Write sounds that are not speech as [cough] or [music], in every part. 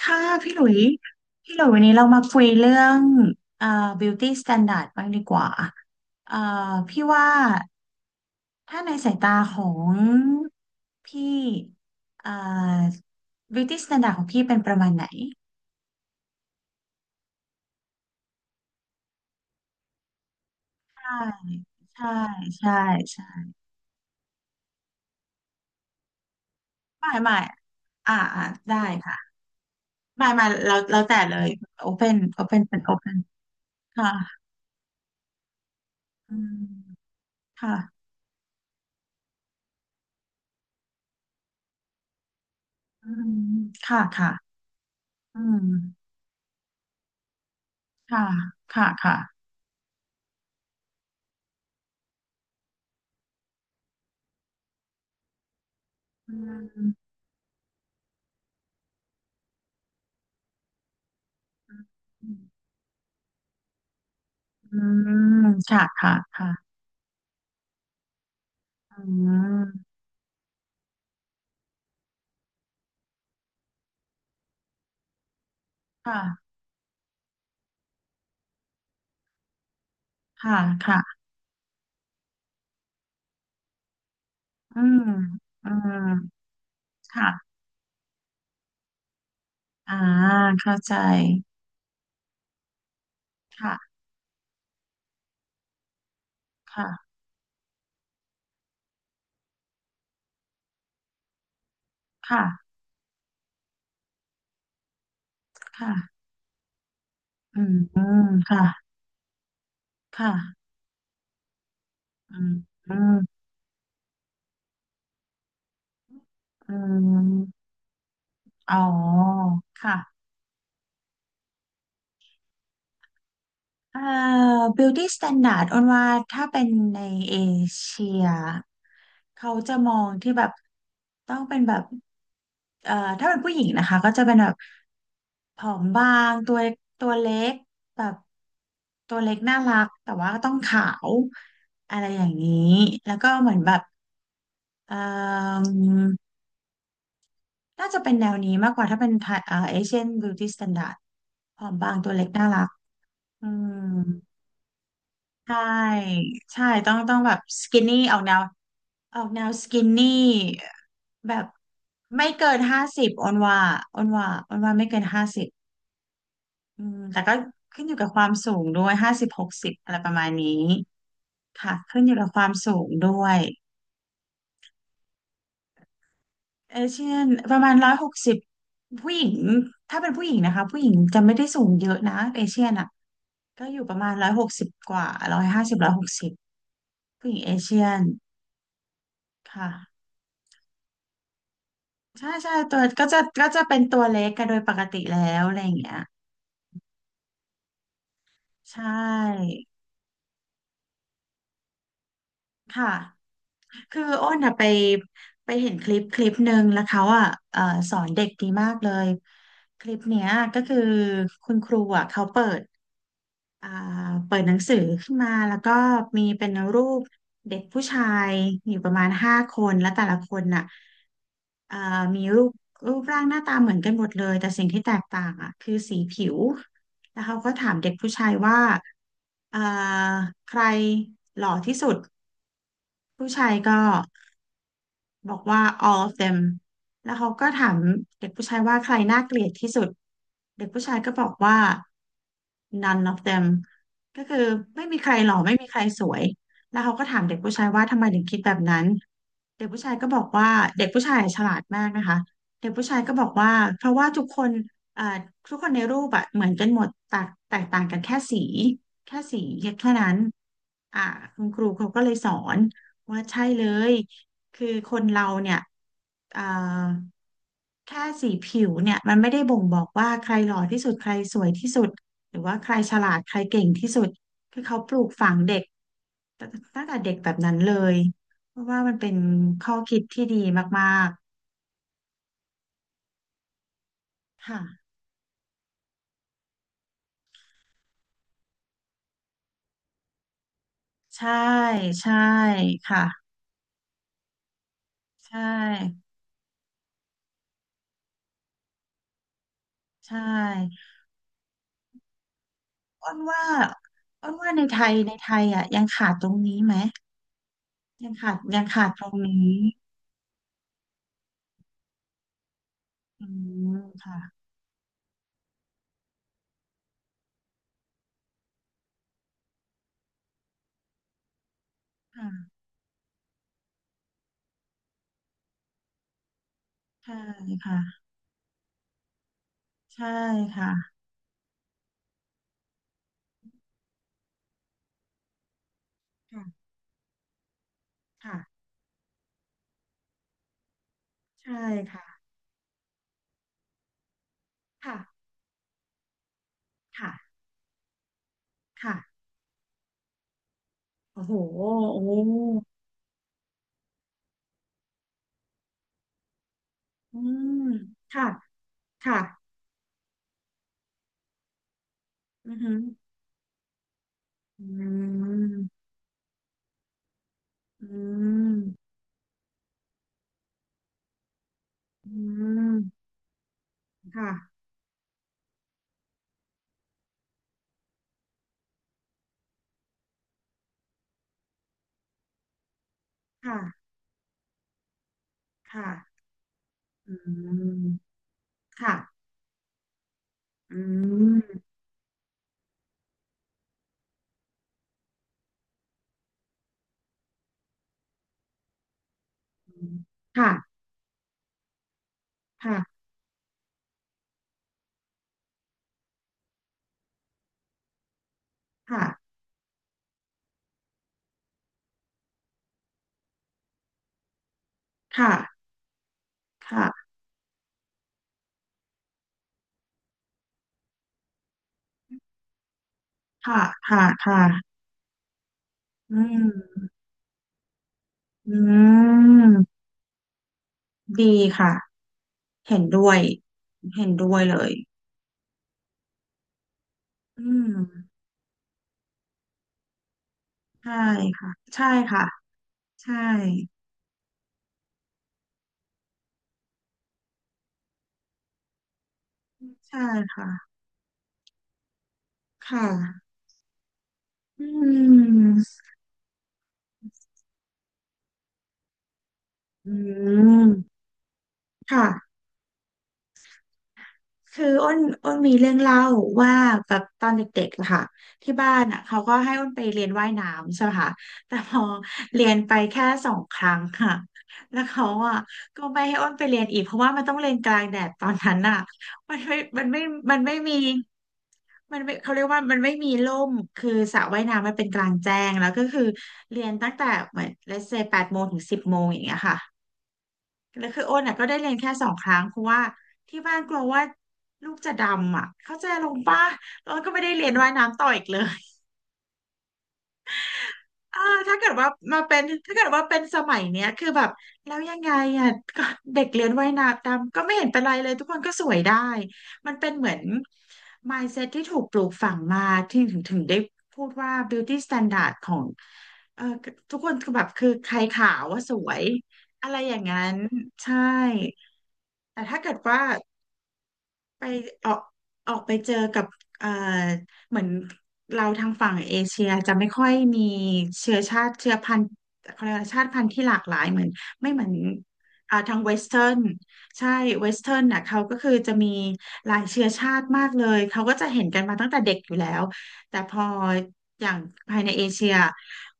ค่ะพี่หลุยพี่หลุยวันนี้เรามาคุยเรื่องเอ่อ beauty standard บ้างดีกว่าเอ่อพี่ว่าถ้าในสายตาของพี่เอ่อ beauty standard ของพี่เป็นประมาณไหนใช่ใช่ใช่ใช่หมายอ่าอ่าได้ค่ะหมายเราแต่เลย open เป็น open ค่ะอืมค่ะอืมค่ะค่ะอืมค่ะค่ะค่ะอืม อืมค่ะค่ะค่ะอืมค่ะค่ะค่ะอืมอืมค่ะอ่าเข้าใจค่ะค่ะค่ะค่ะอืมค่ะค่ะอืมอืมอืมอ๋อค่ะ เอ่อ beauty standard อ้นว่าถ้าเป็นในเอเชียเขาจะมองที่แบบต้องเป็นแบบถ้าเป็นผู้หญิงนะคะก็จะเป็นแบบผอมบางตัวเล็กแบบตัวเล็กน่ารักแต่ว่าก็ต้องขาวอะไรอย่างนี้แล้วก็เหมือนแบบเอ่อน่าจะเป็นแนวนี้มากกว่าถ้าเป็นไทยเอเชียนบิวตี้สแตนดาร์ดผอมบางตัวเล็กน่ารักอืม ใช่ใช่ต้องแบบสกินนี่ออกแนวสกินนี่แบบไม่เกินห้าสิบออนว่าไม่เกินห้าสิบอืมแต่ก็ขึ้นอยู่กับความสูงด้วยห้าสิบหกสิบอะไรประมาณนี้ค่ะขึ้นอยู่กับความสูงด้วยเอเชียนประมาณร้อยหกสิบผู้หญิงถ้าเป็นผู้หญิงนะคะผู้หญิงจะไม่ได้สูงเยอะนะเอเชียนอ่ะก็อยู่ประมาณร้อยหกสิบกว่า150ร้อยหกสิบผู้หญิงเอเชียนค่ะ ใช่ใช่ตัวก็จะเป็นตัวเล็กกันโดยปกติแล้วอะไรอย่างเงี้ยใช่ค่ะคืออ้นอะไปไปเห็นคลิปหนึ่งแล้วเขาอะเอ่อสอนเด็กดีมากเลยคลิปเนี้ยก็คือคุณครูอะเขาเปิด อ่าเปิดหนังสือขึ้นมาแล้วก็มีเป็นรูปเด็กผู้ชายอยู่ประมาณห้าคนและแต่ละคนน่ะอ่ามีรูปร่างหน้าตาเหมือนกันหมดเลยแต่สิ่งที่แตกต่างอ่ะคือสีผิวแล้วเขาก็ถามเด็กผู้ชายว่าอ่าใครหล่อที่สุดผู้ชายก็ บอกว่า all of them แล้วเขาก็ถามเด็กผู้ชายว่าใครน่าเกลียดที่สุดเด็กผู้ชายก็บอกว่า none of them ก็คือไม่มีใครหล่อไม่มีใครสวยแล้วเขาก็ถามเด็กผู้ชายว่าทำไมถึงคิดแบบนั้นเด็กผู้ชายก็บอกว่าเด็กผู้ชายฉลาดมากนะคะเด็กผู้ชายก็บอกว่าเพราะว่าทุกคนเอ่อทุกคนในรูปอะเหมือนกันหมดแตกต่างกันแค่สีแค่านั้นอ่าคุณครูเขาก็เลยสอนว่าใช่เลย คือคนเราเนี่ยเอ่อแค่สีผิวเนี่ยมันไม่ได้บ่งบอกว่าใครหล่อที่สุดใครสวยที่สุดหรือว่าใครฉลาดใครเก่งที่สุดคือเขาปลูกฝังเด็กตตั้งแต่เด็กแบบนั้นเลยเพราะว่ามันเป็นข้อคิดที่ดีมากๆค่ะใช่ใช่ค่ะใช่ใช่อ้นว่าอ้นว่าในไทยอ่ะยังขาดตรงนี้ไหมยังขาดตรงนี้อืมค่ะ ใช่ค่ะใช่ค่ะค่ะค่ะใช่ค่ะค่ะค่ะค่ะโอ้โหโอ้อืมค่ะค่ะอือหืออืมอืมอืมค่ะค่ะค่ะอืมค่ะอืมค่ะค่ะค่ะค่ะค่ะค่ะค่ะค่ะอืมอืมดีค่ะเห็นด้วยเห็นด้วยเลย อืมใช่ค่ะใช่ค่ะใช่ใช่ค่ะค่ะอืมอืมค่ะ คืออ้นมีเรื่องเล่าว่าแบบตอนเด็กๆอะค่ะที่บ้านอ่ะเขาก็ให้อ้นไปเรียนว่ายน้ำใช่ไหมคะแต่พอเรียนไปแค่สองครั้งค่ะแล้วเขาอ่ะก็ไม่ให้อ้นไปเรียนอีกเพราะว่ามันต้องเรียนกลางแดดตอนนั้นอ่ะมันไม่มันไม่มันไม่มีมันไม่เขาเรียกว่ามันไม่มีร่มคือสระว่ายน้ำมันเป็นกลางแจ้งแล้วก็คือเรียนตั้งแต่เหมือน let's say 8 โมงถึง10 โมงอย่างเงี้ยค่ะ แล้วคือโอนเนี่ยก็ได้เรียนแค่สองครั้งเพราะว่าที่บ้านกลัวว่าลูกจะดำอ่ะเข้าใจลงป่ะแล้วก็ไม่ได้เรียนว่ายน้ำต่ออีกเลย เออถ้าเกิดว่ามาเป็นถ้าเกิดว่าเป็นสมัยเนี้ยคือแบบแล้วยังไงอ่ะ [laughs] ก็เด็กเรียนว่ายน้ำตามก็ไม่เห็นเป็นไรเลยทุกคนก็สวยได้มันเป็นเหมือน mindset ที่ถูกปลูกฝังมาที่ถึงได้พูดว่า beauty standard ของเออทุกคนคือแบบคือใครขาวว่าสวยอะไรอย่างนั้นใช่แต่ถ้าเกิดว่า ไปออกออกไปเจอกับเอ่อเหมือนเราทางฝั่งเอเชียจะไม่ค่อยมีเชื้อชาติเชื้อพันธุ์เขาเรียกว่าชาติพันธุ์ที่หลากหลายเหมือนไม่เหมือนทางเวสเทิร์นใช่เวสเทิร์นน่ะเขาก็คือจะมีหลายเชื้อชาติมากเลยเขาก็จะเห็นกันมาตั้งแต่เด็กอยู่แล้วแต่พออย่างภายในเอเชีย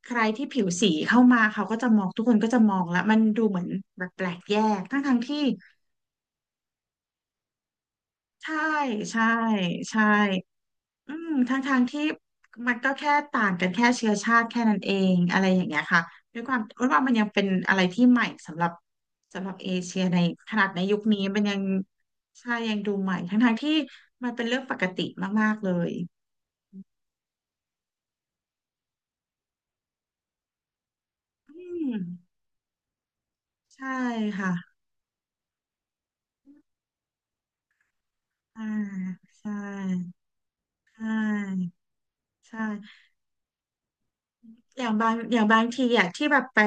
ใครที่ผิวสีเข้ามาเขาก็จะมองทุกคนก็จะมองแล้วมันดูเหมือนแบบแปลกแยกทั้งที่ใช่ใช่ใช่ อืมทั้งทางที่มันก็แค่ต่างกันแค่เชื้อชาติแค่นั้นเองอะไรอย่างเงี้ยค่ะด้วยความรู้ว่ามันยังเป็นอะไรที่ใหม่สำหรับสำหรับเอเชียในขนาดในยุคนี้มันยังใช่ยังดูใหม่ทั้งทางที่มันเป็นเรื่องปกติมากๆเลยอืมใช่ค่ะอ่าใช่ใช่ใช่ อย่างบางอย่างบางทีอ่ะที่แบบไป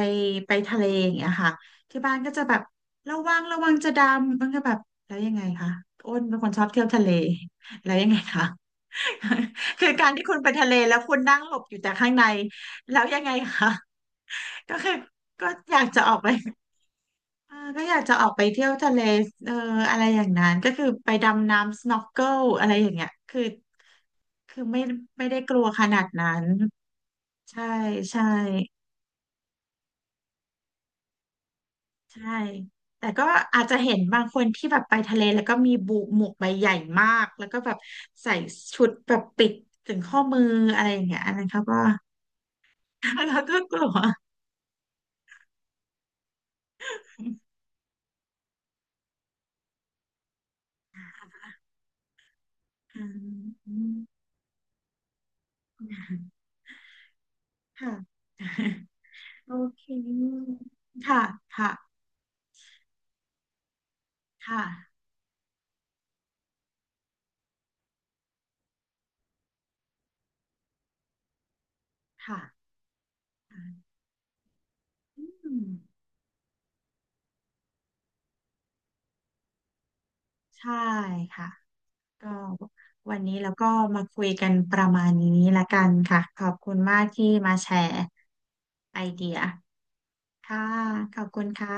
ไปทะเลอย่างเงี้ยค่ะที่บ้านก็จะแบบระวังระวังจะดำมันก็แบบแล้วยังไงคะอ้นเป็นคนชอบเที่ยวทะเลแล้วยังไงคะ [laughs] คือการที่คุณไปทะเลแล้วคุณนั่งหลบอยู่แต่ข้างในแล้วยังไงคะ [laughs] ก็คือก็อยากจะออกไปเออก็อยากจะออกไปเที่ยวทะเลเอออะไรอย่างนั้นก็คือไปดำน้ำ s n กเกิลอะไรอย่างเงี้ยคือคือไม่ไม่ได้กลัวขนาดนั้นใช่ใช่ ใช่ แต่ก็อาจจะเห็นบางคนที่แบบไปทะเลแล้วก็มีบุหมวกใบใหญ่มากแล้วก็แบบใส่ชุดแบบปิดถึงข้อมืออะไรอย่างเงี้ยอันนั้นเขาก็ [laughs] เราก็กลัว [laughs] อืมค่ะ [laughs] โอเค ค่ะ ค่ะ ค่ะค่ะอืมใช่ค่ะ ก็วันนี้เราก็มาคุยกันประมาณนี้ละกันค่ะ ขอบคุณมากที่มาแชร์ไอเดีย ค่ะ ขอบคุณค่ะ